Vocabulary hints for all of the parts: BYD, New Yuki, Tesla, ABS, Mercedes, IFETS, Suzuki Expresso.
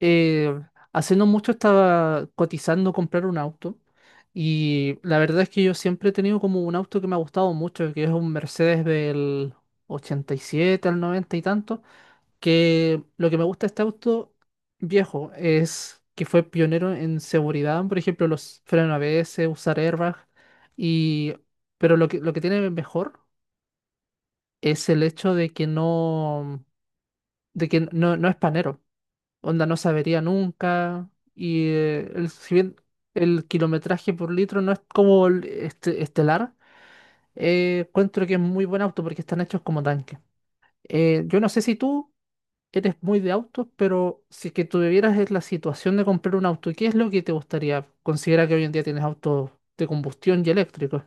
eh, Hace no mucho estaba cotizando comprar un auto y la verdad es que yo siempre he tenido como un auto que me ha gustado mucho, que es un Mercedes del 87 al 90 y tanto. Que lo que me gusta de este auto viejo es que fue pionero en seguridad, por ejemplo, los frenos ABS, usar airbag, y, pero lo que tiene mejor es el hecho de que no es panero, onda no sabería nunca. Y si bien el kilometraje por litro no es como el estelar, encuentro que es muy buen auto porque están hechos como tanques. Yo no sé si tú eres muy de autos, pero si es que tuvieras es la situación de comprar un auto, ¿qué es lo que te gustaría? Considera que hoy en día tienes autos de combustión y eléctricos.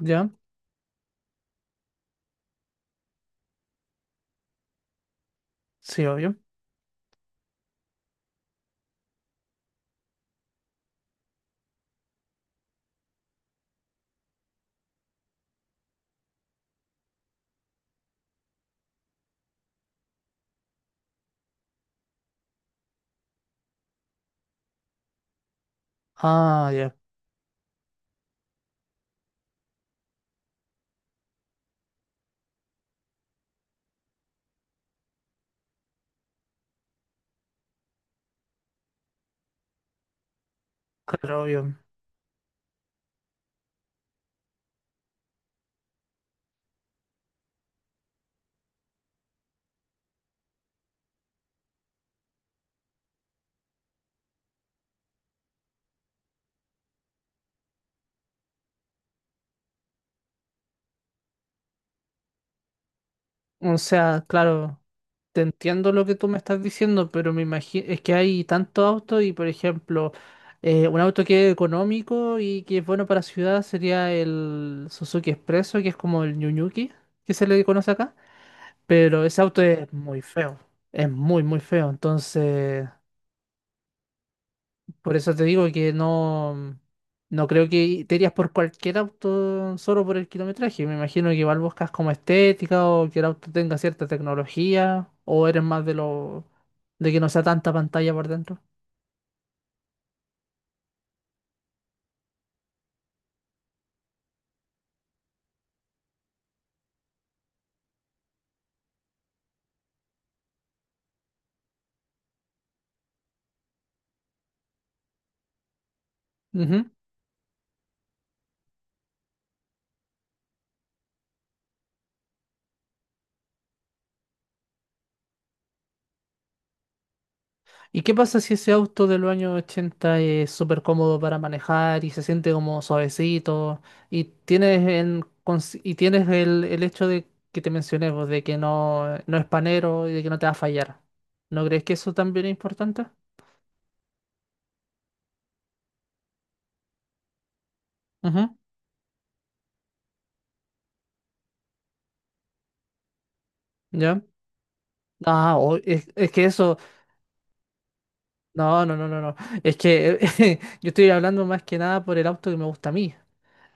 ¿Ya? Sí, obvio. Ah, ya, claro, obvio. O sea, claro, te entiendo lo que tú me estás diciendo, pero me imagino, es que hay tantos autos y, por ejemplo, un auto que es económico y que es bueno para ciudad sería el Suzuki Expresso, que es como el New Yuki, que se le conoce acá. Pero ese auto es muy feo, es muy, muy feo, entonces... Por eso te digo que no, no creo que te irías por cualquier auto solo por el kilometraje. Me imagino que igual buscas como estética o que el auto tenga cierta tecnología, o eres más de lo de que no sea tanta pantalla por dentro. Ujú. ¿Y qué pasa si ese auto de los años 80 es súper cómodo para manejar y se siente como suavecito, y tienes el hecho de que te mencioné, vos, de que no es panero y de que no te va a fallar? ¿No crees que eso también es importante? Ujú. ¿Ya? Ah, es que eso. No, no, no, no, no. Es que yo estoy hablando más que nada por el auto que me gusta a mí.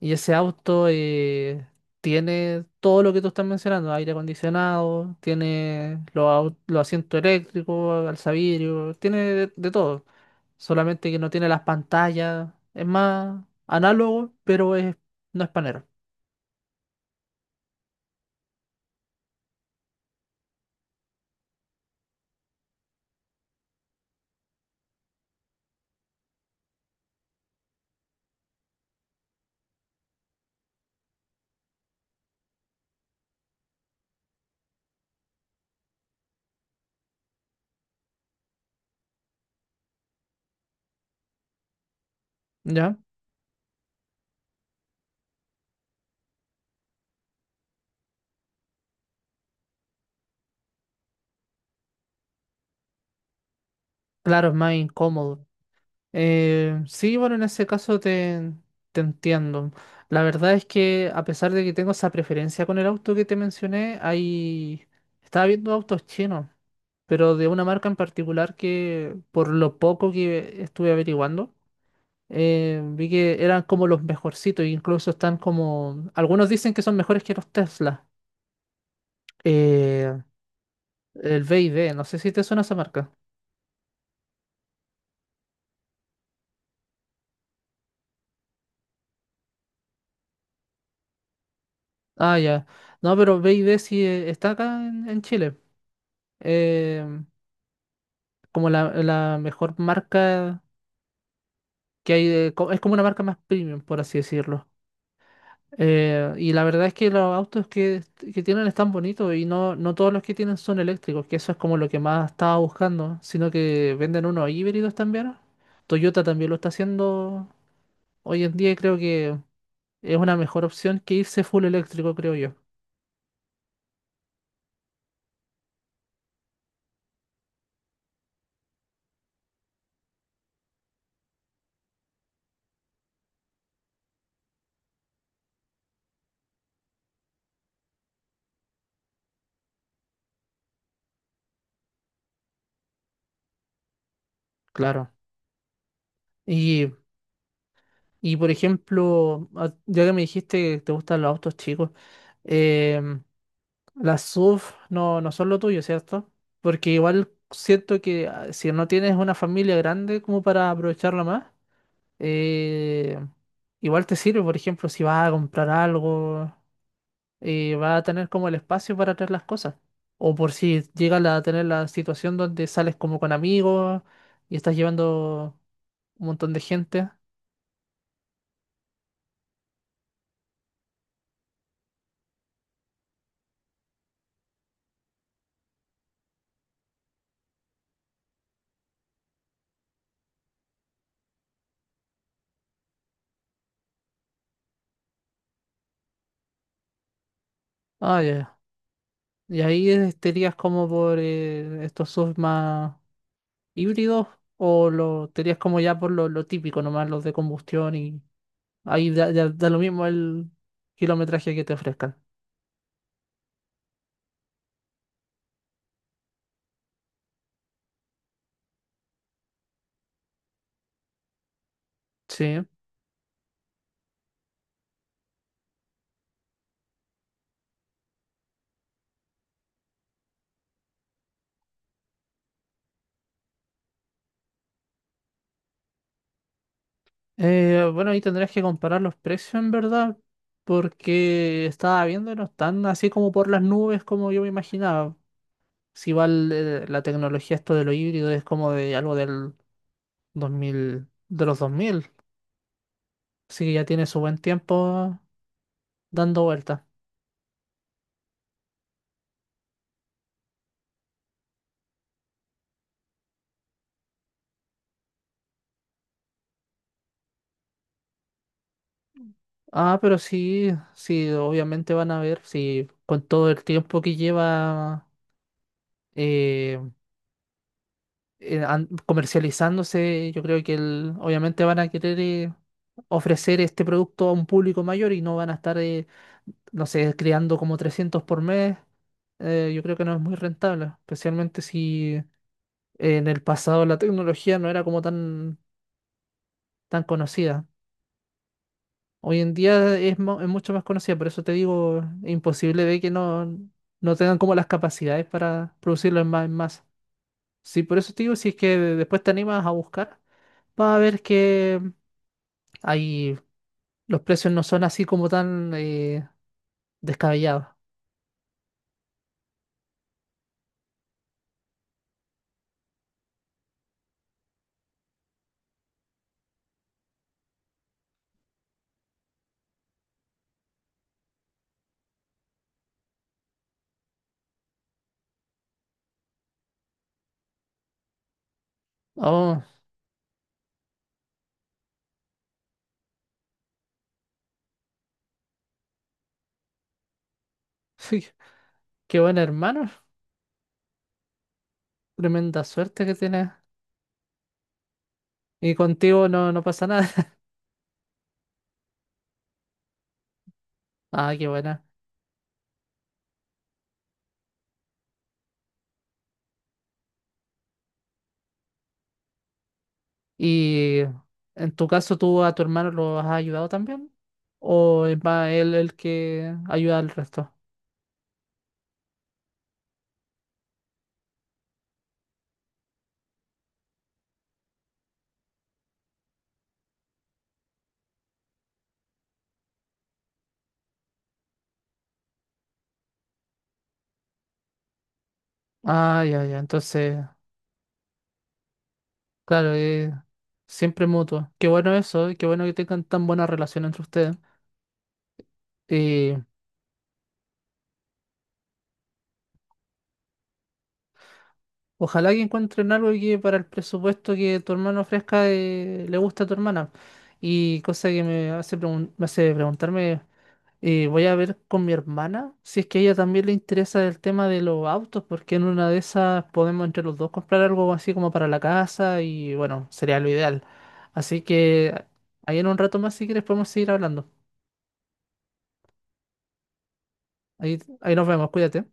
Y ese auto tiene todo lo que tú estás mencionando: aire acondicionado, tiene los asientos eléctricos, alzavidrio, tiene de todo. Solamente que no tiene las pantallas. Es más análogo, pero no es panero. ¿Ya? Claro, es más incómodo. Sí, bueno, en ese caso te entiendo. La verdad es que a pesar de que tengo esa preferencia con el auto que te mencioné, ahí estaba viendo autos chinos, pero de una marca en particular que, por lo poco que estuve averiguando, vi que eran como los mejorcitos, e incluso están como... Algunos dicen que son mejores que los Tesla. Eh, el BYD, no sé si te suena esa marca. Ah, ya. No, pero BYD sí está acá en Chile. Eh, Como la mejor marca que hay. Es como una marca más premium, por así decirlo. Y la verdad es que los autos que tienen están bonitos, y no todos los que tienen son eléctricos, que eso es como lo que más estaba buscando, sino que venden unos híbridos también. Toyota también lo está haciendo hoy en día y creo que es una mejor opción que irse full eléctrico, creo yo. Claro. Y, y por ejemplo, ya que me dijiste que te gustan los autos chicos, em, las sub no, no son lo tuyo, ¿cierto? Porque igual siento que, si no tienes una familia grande como para aprovecharla más, eh, igual te sirve. Por ejemplo, si vas a comprar algo, vas a tener como el espacio para traer las cosas. O por si llegas a tener la situación donde sales como con amigos y estás llevando un montón de gente. Ah, ya. Y ahí estarías como por estos subs más híbridos, o lo tenías como ya por lo típico nomás, los de combustión, y ahí ya da lo mismo el kilometraje que te ofrezcan. Sí. Bueno, ahí tendrías que comparar los precios en verdad, porque estaba viendo y no están así como por las nubes, como yo me imaginaba. Si va la tecnología, esto de lo híbrido es como de algo del 2000, de los 2000, así que ya tiene su buen tiempo dando vueltas. Ah, pero sí, sí, obviamente van a ver, sí, con todo el tiempo que lleva eh, comercializándose. Yo creo que obviamente van a querer ofrecer este producto a un público mayor y no van a estar, no sé, creando como 300 por mes. Yo creo que no es muy rentable, especialmente si en el pasado la tecnología no era como tan, tan conocida. Hoy en día es mucho más conocida. Por eso te digo, es imposible de que no tengan como las capacidades para producirlo en masa. Sí, por eso te digo, si es que después te animas a buscar, vas a ver que ahí los precios no son así como tan descabellados. Oh, sí, qué bueno, hermano. Tremenda suerte que tienes. Y contigo no pasa nada. Ah, qué buena. ¿Y en tu caso tú a tu hermano lo has ayudado también? ¿O es más él el que ayuda al resto? Ah, ya, ya. Entonces, claro, siempre mutuo. Qué bueno eso, y qué bueno que tengan tan buena relación entre ustedes. Y ojalá que encuentren algo que, para el presupuesto que tu hermano ofrezca, le gusta a tu hermana. Y cosa que me hace preguntarme, voy a ver con mi hermana si es que a ella también le interesa el tema de los autos, porque en una de esas podemos entre los dos comprar algo así como para la casa, y bueno, sería lo ideal. Así que ahí en un rato más, si quieres, podemos seguir hablando. Ahí, ahí nos vemos, cuídate.